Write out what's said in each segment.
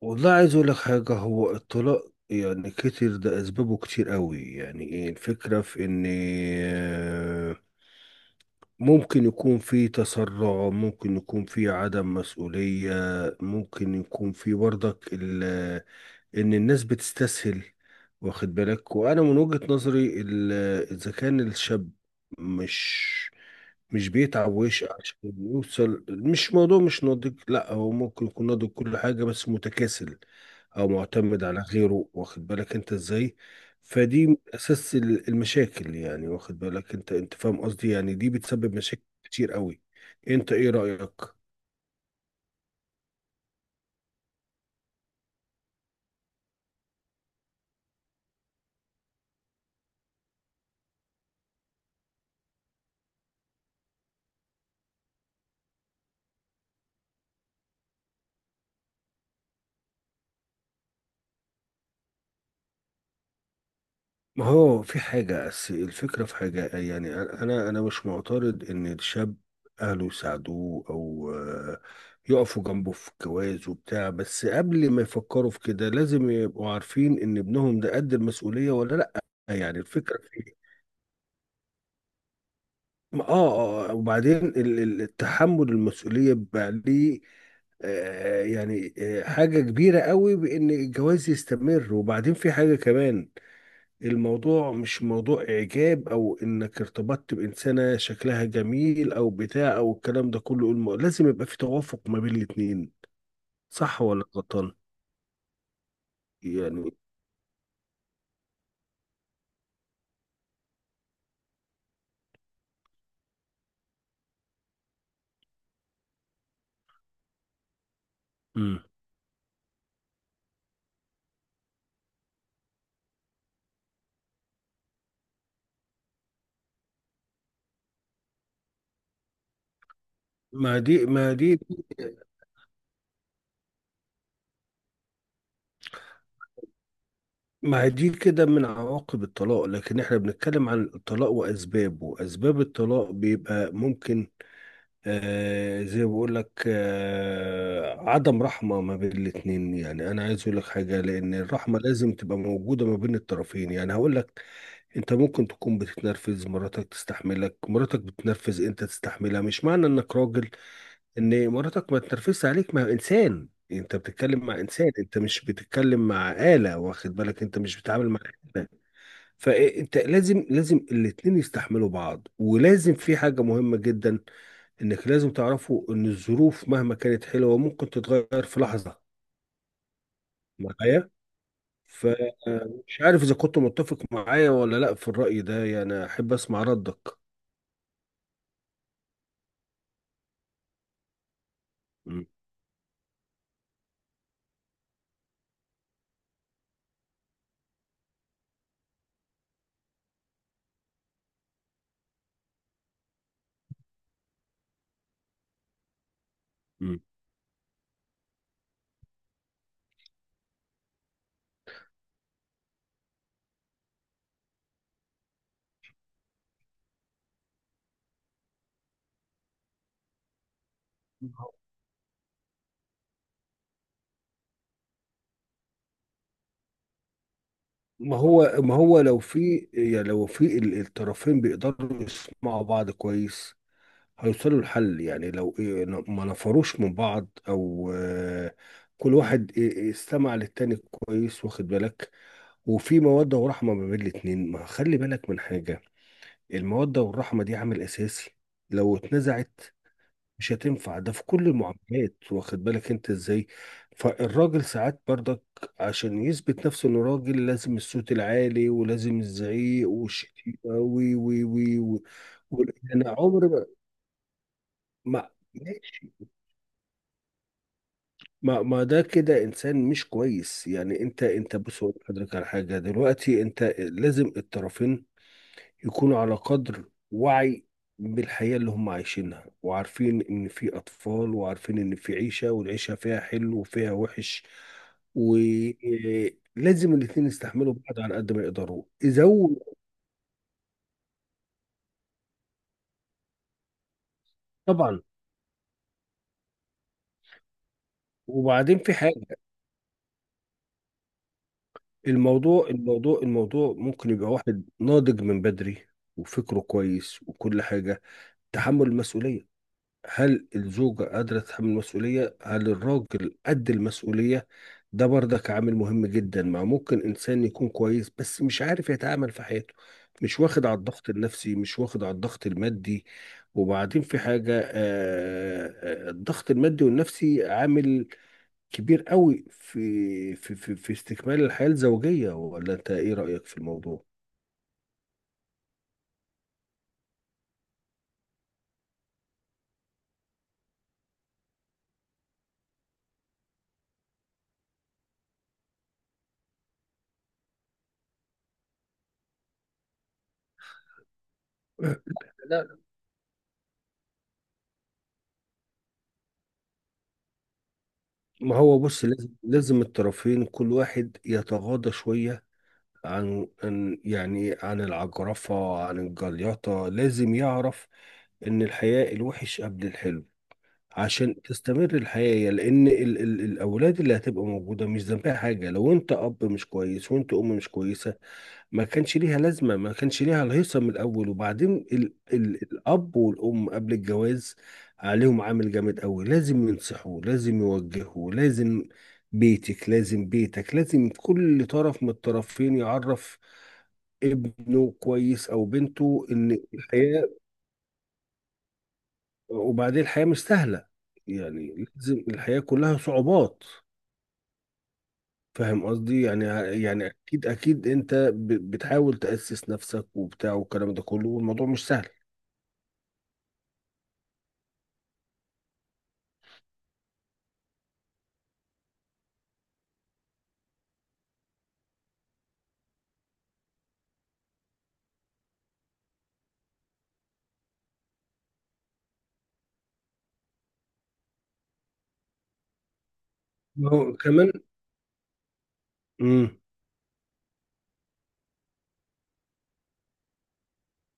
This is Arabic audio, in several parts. والله عايز اقول لك حاجه. هو الطلاق يعني كتير، ده اسبابه كتير قوي. يعني ايه الفكره في ان ممكن يكون في تسرع، ممكن يكون في عدم مسؤوليه، ممكن يكون في برضك ان الناس بتستسهل، واخد بالك؟ وانا من وجهة نظري اذا كان الشاب مش مش بيتعب ويشقى عشان يوصل، مش موضوع مش ناضج، لا هو ممكن يكون ناضج كل حاجة بس متكاسل او معتمد على غيره، واخد بالك انت ازاي؟ فدي من اساس المشاكل يعني، واخد بالك انت؟ فاهم قصدي يعني، دي بتسبب مشاكل كتير قوي. انت ايه رأيك؟ ما هو في حاجة الفكرة في حاجة، يعني أنا مش معترض إن الشاب أهله يساعدوه أو يقفوا جنبه في الجواز وبتاع، بس قبل ما يفكروا في كده لازم يبقوا عارفين إن ابنهم ده قد المسؤولية ولا لأ. يعني الفكرة في إيه؟ وبعدين التحمل المسؤولية بيبقى ليه يعني حاجة كبيرة قوي، بإن الجواز يستمر. وبعدين في حاجة كمان، الموضوع مش موضوع إعجاب، أو إنك ارتبطت بإنسانة شكلها جميل أو بتاع أو الكلام ده كله، لازم يبقى في توافق ما بين الاتنين. صح ولا غلطان؟ يعني مم. ما دي ما دي ما دي كده من عواقب الطلاق، لكن احنا بنتكلم عن الطلاق وأسبابه. أسباب الطلاق بيبقى ممكن آه زي ما بقول لك، آه عدم رحمة ما بين الاتنين. يعني أنا عايز أقول لك حاجة، لأن الرحمة لازم تبقى موجودة ما بين الطرفين. يعني هقول لك، انت ممكن تكون بتتنرفز، مراتك تستحملك، مراتك بتتنرفز انت تستحملها. مش معنى انك راجل ان مراتك ما تتنرفزش عليك، ما هو انسان، انت بتتكلم مع انسان، انت مش بتتكلم مع آلة، واخد بالك؟ انت مش بتتعامل مع آلة. فانت لازم، الاتنين يستحملوا بعض. ولازم في حاجة مهمة جدا، انك لازم تعرفوا ان الظروف مهما كانت حلوة ممكن تتغير في لحظة، معايا؟ فمش عارف اذا كنت متفق معايا ولا لا في الرأي ده، يعني احب اسمع ردك. مم. ما هو لو في، يعني لو في الطرفين بيقدروا يسمعوا بعض كويس هيوصلوا لحل. يعني لو إيه ما نفروش من بعض، او كل واحد إيه، إيه، استمع للتاني كويس، واخد بالك؟ وفي مودة ورحمة ما بين الاتنين، ما خلي بالك من حاجة، المودة والرحمة دي عامل اساسي، لو اتنزعت مش هتنفع. ده في كل المعاملات، واخد بالك انت ازاي؟ فالراجل ساعات برضك عشان يثبت نفسه انه راجل لازم الصوت العالي ولازم الزعيق والشتيمة وي وي وي و... انا عمري ما، ما ماشي، ما ده كده انسان مش كويس. يعني انت بص أقول لحضرتك على حاجه دلوقتي، انت لازم الطرفين يكونوا على قدر وعي بالحياة اللي هم عايشينها، وعارفين إن في أطفال، وعارفين إن في عيشة، والعيشة فيها حلو وفيها وحش. ولازم الاتنين يستحملوا بعض على قد ما يقدروا يزود. طبعا. وبعدين في حاجة، الموضوع ممكن يبقى واحد ناضج من بدري، وفكره كويس وكل حاجة. تحمل المسؤولية، هل الزوجة قادرة تتحمل المسؤولية؟ هل الراجل قد المسؤولية؟ ده برضك عامل مهم جدا. ما ممكن إنسان يكون كويس بس مش عارف يتعامل في حياته، مش واخد على الضغط النفسي، مش واخد على الضغط المادي. وبعدين في حاجة، الضغط المادي والنفسي عامل كبير قوي في استكمال الحياة الزوجية. ولا أنت إيه رأيك في الموضوع؟ لا، ما هو بص لازم، الطرفين كل واحد يتغاضى شوية عن يعني عن العجرفة، عن الجليطة. لازم يعرف إن الحياة الوحش قبل الحلو عشان تستمر الحياة. لأن ال ال الأولاد اللي هتبقى موجودة مش ذنبها حاجة، لو أنت أب مش كويس وأنت أم مش كويسة ما كانش ليها لازمة، ما كانش ليها الهيصة من الأول. وبعدين ال ال الأب والأم قبل الجواز عليهم عامل جامد أوي. لازم ينصحوا، لازم يوجهوا، لازم بيتك، لازم كل طرف من الطرفين يعرف ابنه كويس أو بنته إن الحياة، وبعدين الحياة مش سهلة. يعني لازم، الحياة كلها صعوبات، فاهم قصدي يعني؟ يعني أكيد أكيد أنت بتحاول تأسس نفسك وبتاع والكلام ده كله، والموضوع مش سهل. ما هو كمان. امم.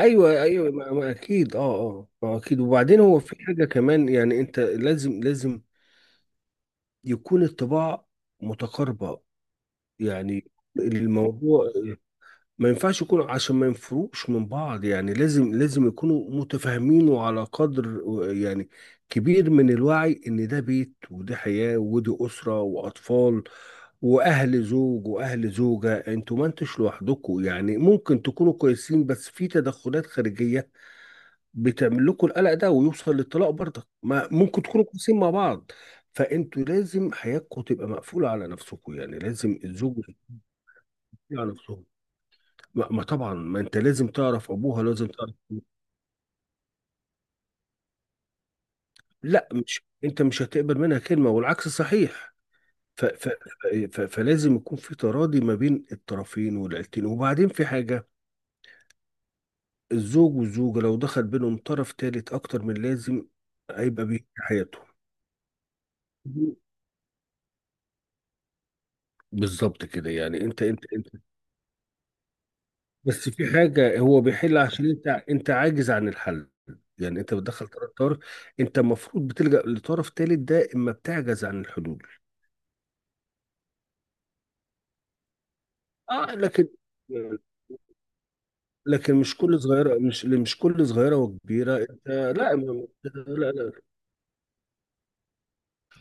ايوه ايوه، ما ما اكيد، اه اه، ما اكيد. وبعدين هو في حاجه كمان، يعني انت لازم، يكون الطباع متقاربه. يعني الموضوع ما ينفعش يكونوا عشان ما ينفروش من بعض. يعني لازم، يكونوا متفاهمين، وعلى قدر يعني كبير من الوعي، ان ده بيت، ودي حياة، ودي أسرة وأطفال، وأهل زوج وأهل زوجة. انتوا ما انتش لوحدكم، يعني ممكن تكونوا كويسين، بس في تدخلات خارجية بتعمل لكم القلق ده ويوصل للطلاق برضك. ما ممكن تكونوا كويسين مع بعض، فانتوا لازم حياتكم تبقى مقفولة على نفسكم. يعني لازم الزوج يبقى على نفسه. ما طبعا، ما انت لازم تعرف ابوها، لازم تعرف. لا، مش انت مش هتقبل منها كلمه، والعكس صحيح. ف ف ف فلازم يكون في تراضي ما بين الطرفين والعيلتين. وبعدين في حاجه، الزوج والزوجه لو دخل بينهم طرف ثالث اكتر من لازم هيبقى بيه حياتهم. بالظبط كده، يعني انت، بس في حاجه هو بيحل عشان انت عاجز عن الحل. يعني انت بتدخل طرف، انت المفروض بتلجأ لطرف ثالث ده اما بتعجز عن الحلول. اه، لكن، لكن مش كل صغيره، مش كل صغيره وكبيره انت، لا لا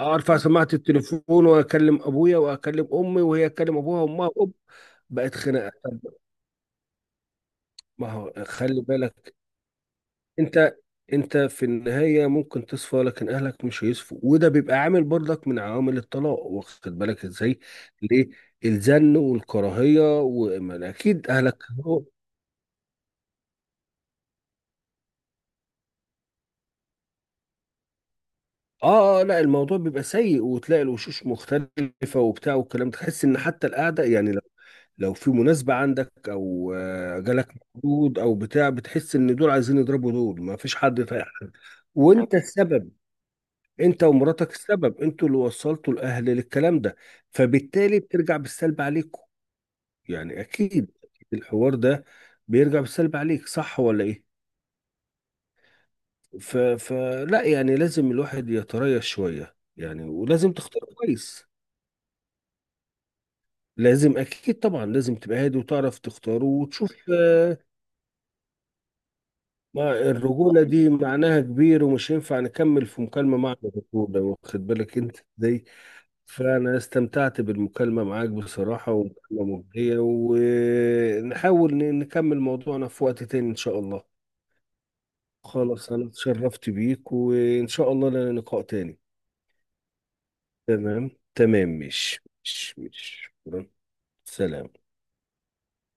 ارفع سماعه التليفون واكلم ابويا واكلم امي وهي تكلم ابوها وامها وأب بقت خناقه. طب ما هو خلي بالك، انت، انت في النهايه ممكن تصفى، لكن اهلك مش هيصفوا، وده بيبقى عامل برضك من عوامل الطلاق. واخد بالك ازاي؟ ليه؟ الزن والكراهيه، واكيد اهلك، اه لا، الموضوع بيبقى سيء. وتلاقي الوشوش مختلفة وبتاع والكلام، تحس ان حتى القعدة، يعني لو لو في مناسبة عندك، او جالك مولود او بتاع، بتحس ان دول عايزين يضربوا دول، ما فيش حد فاهم. وانت السبب، انت ومراتك السبب، انتوا اللي وصلتوا الاهل للكلام ده. فبالتالي بترجع بالسلب عليكم، يعني اكيد الحوار ده بيرجع بالسلب عليك. صح ولا ايه؟ ف... فلا يعني لازم الواحد يتريث شوية، يعني ولازم تختار كويس، لازم. اكيد طبعا لازم تبقى هادي وتعرف تختاره وتشوف. ما الرجوله دي معناها كبير، ومش ينفع نكمل في مكالمه مع الرجوله، واخد بالك انت ازاي؟ فانا استمتعت بالمكالمه معاك بصراحه، ومكالمه مجديه، ونحاول نكمل موضوعنا في وقت تاني ان شاء الله. خلاص انا اتشرفت بيك، وان شاء الله لنا لقاء تاني. تمام تمام، مش مش مش سلام.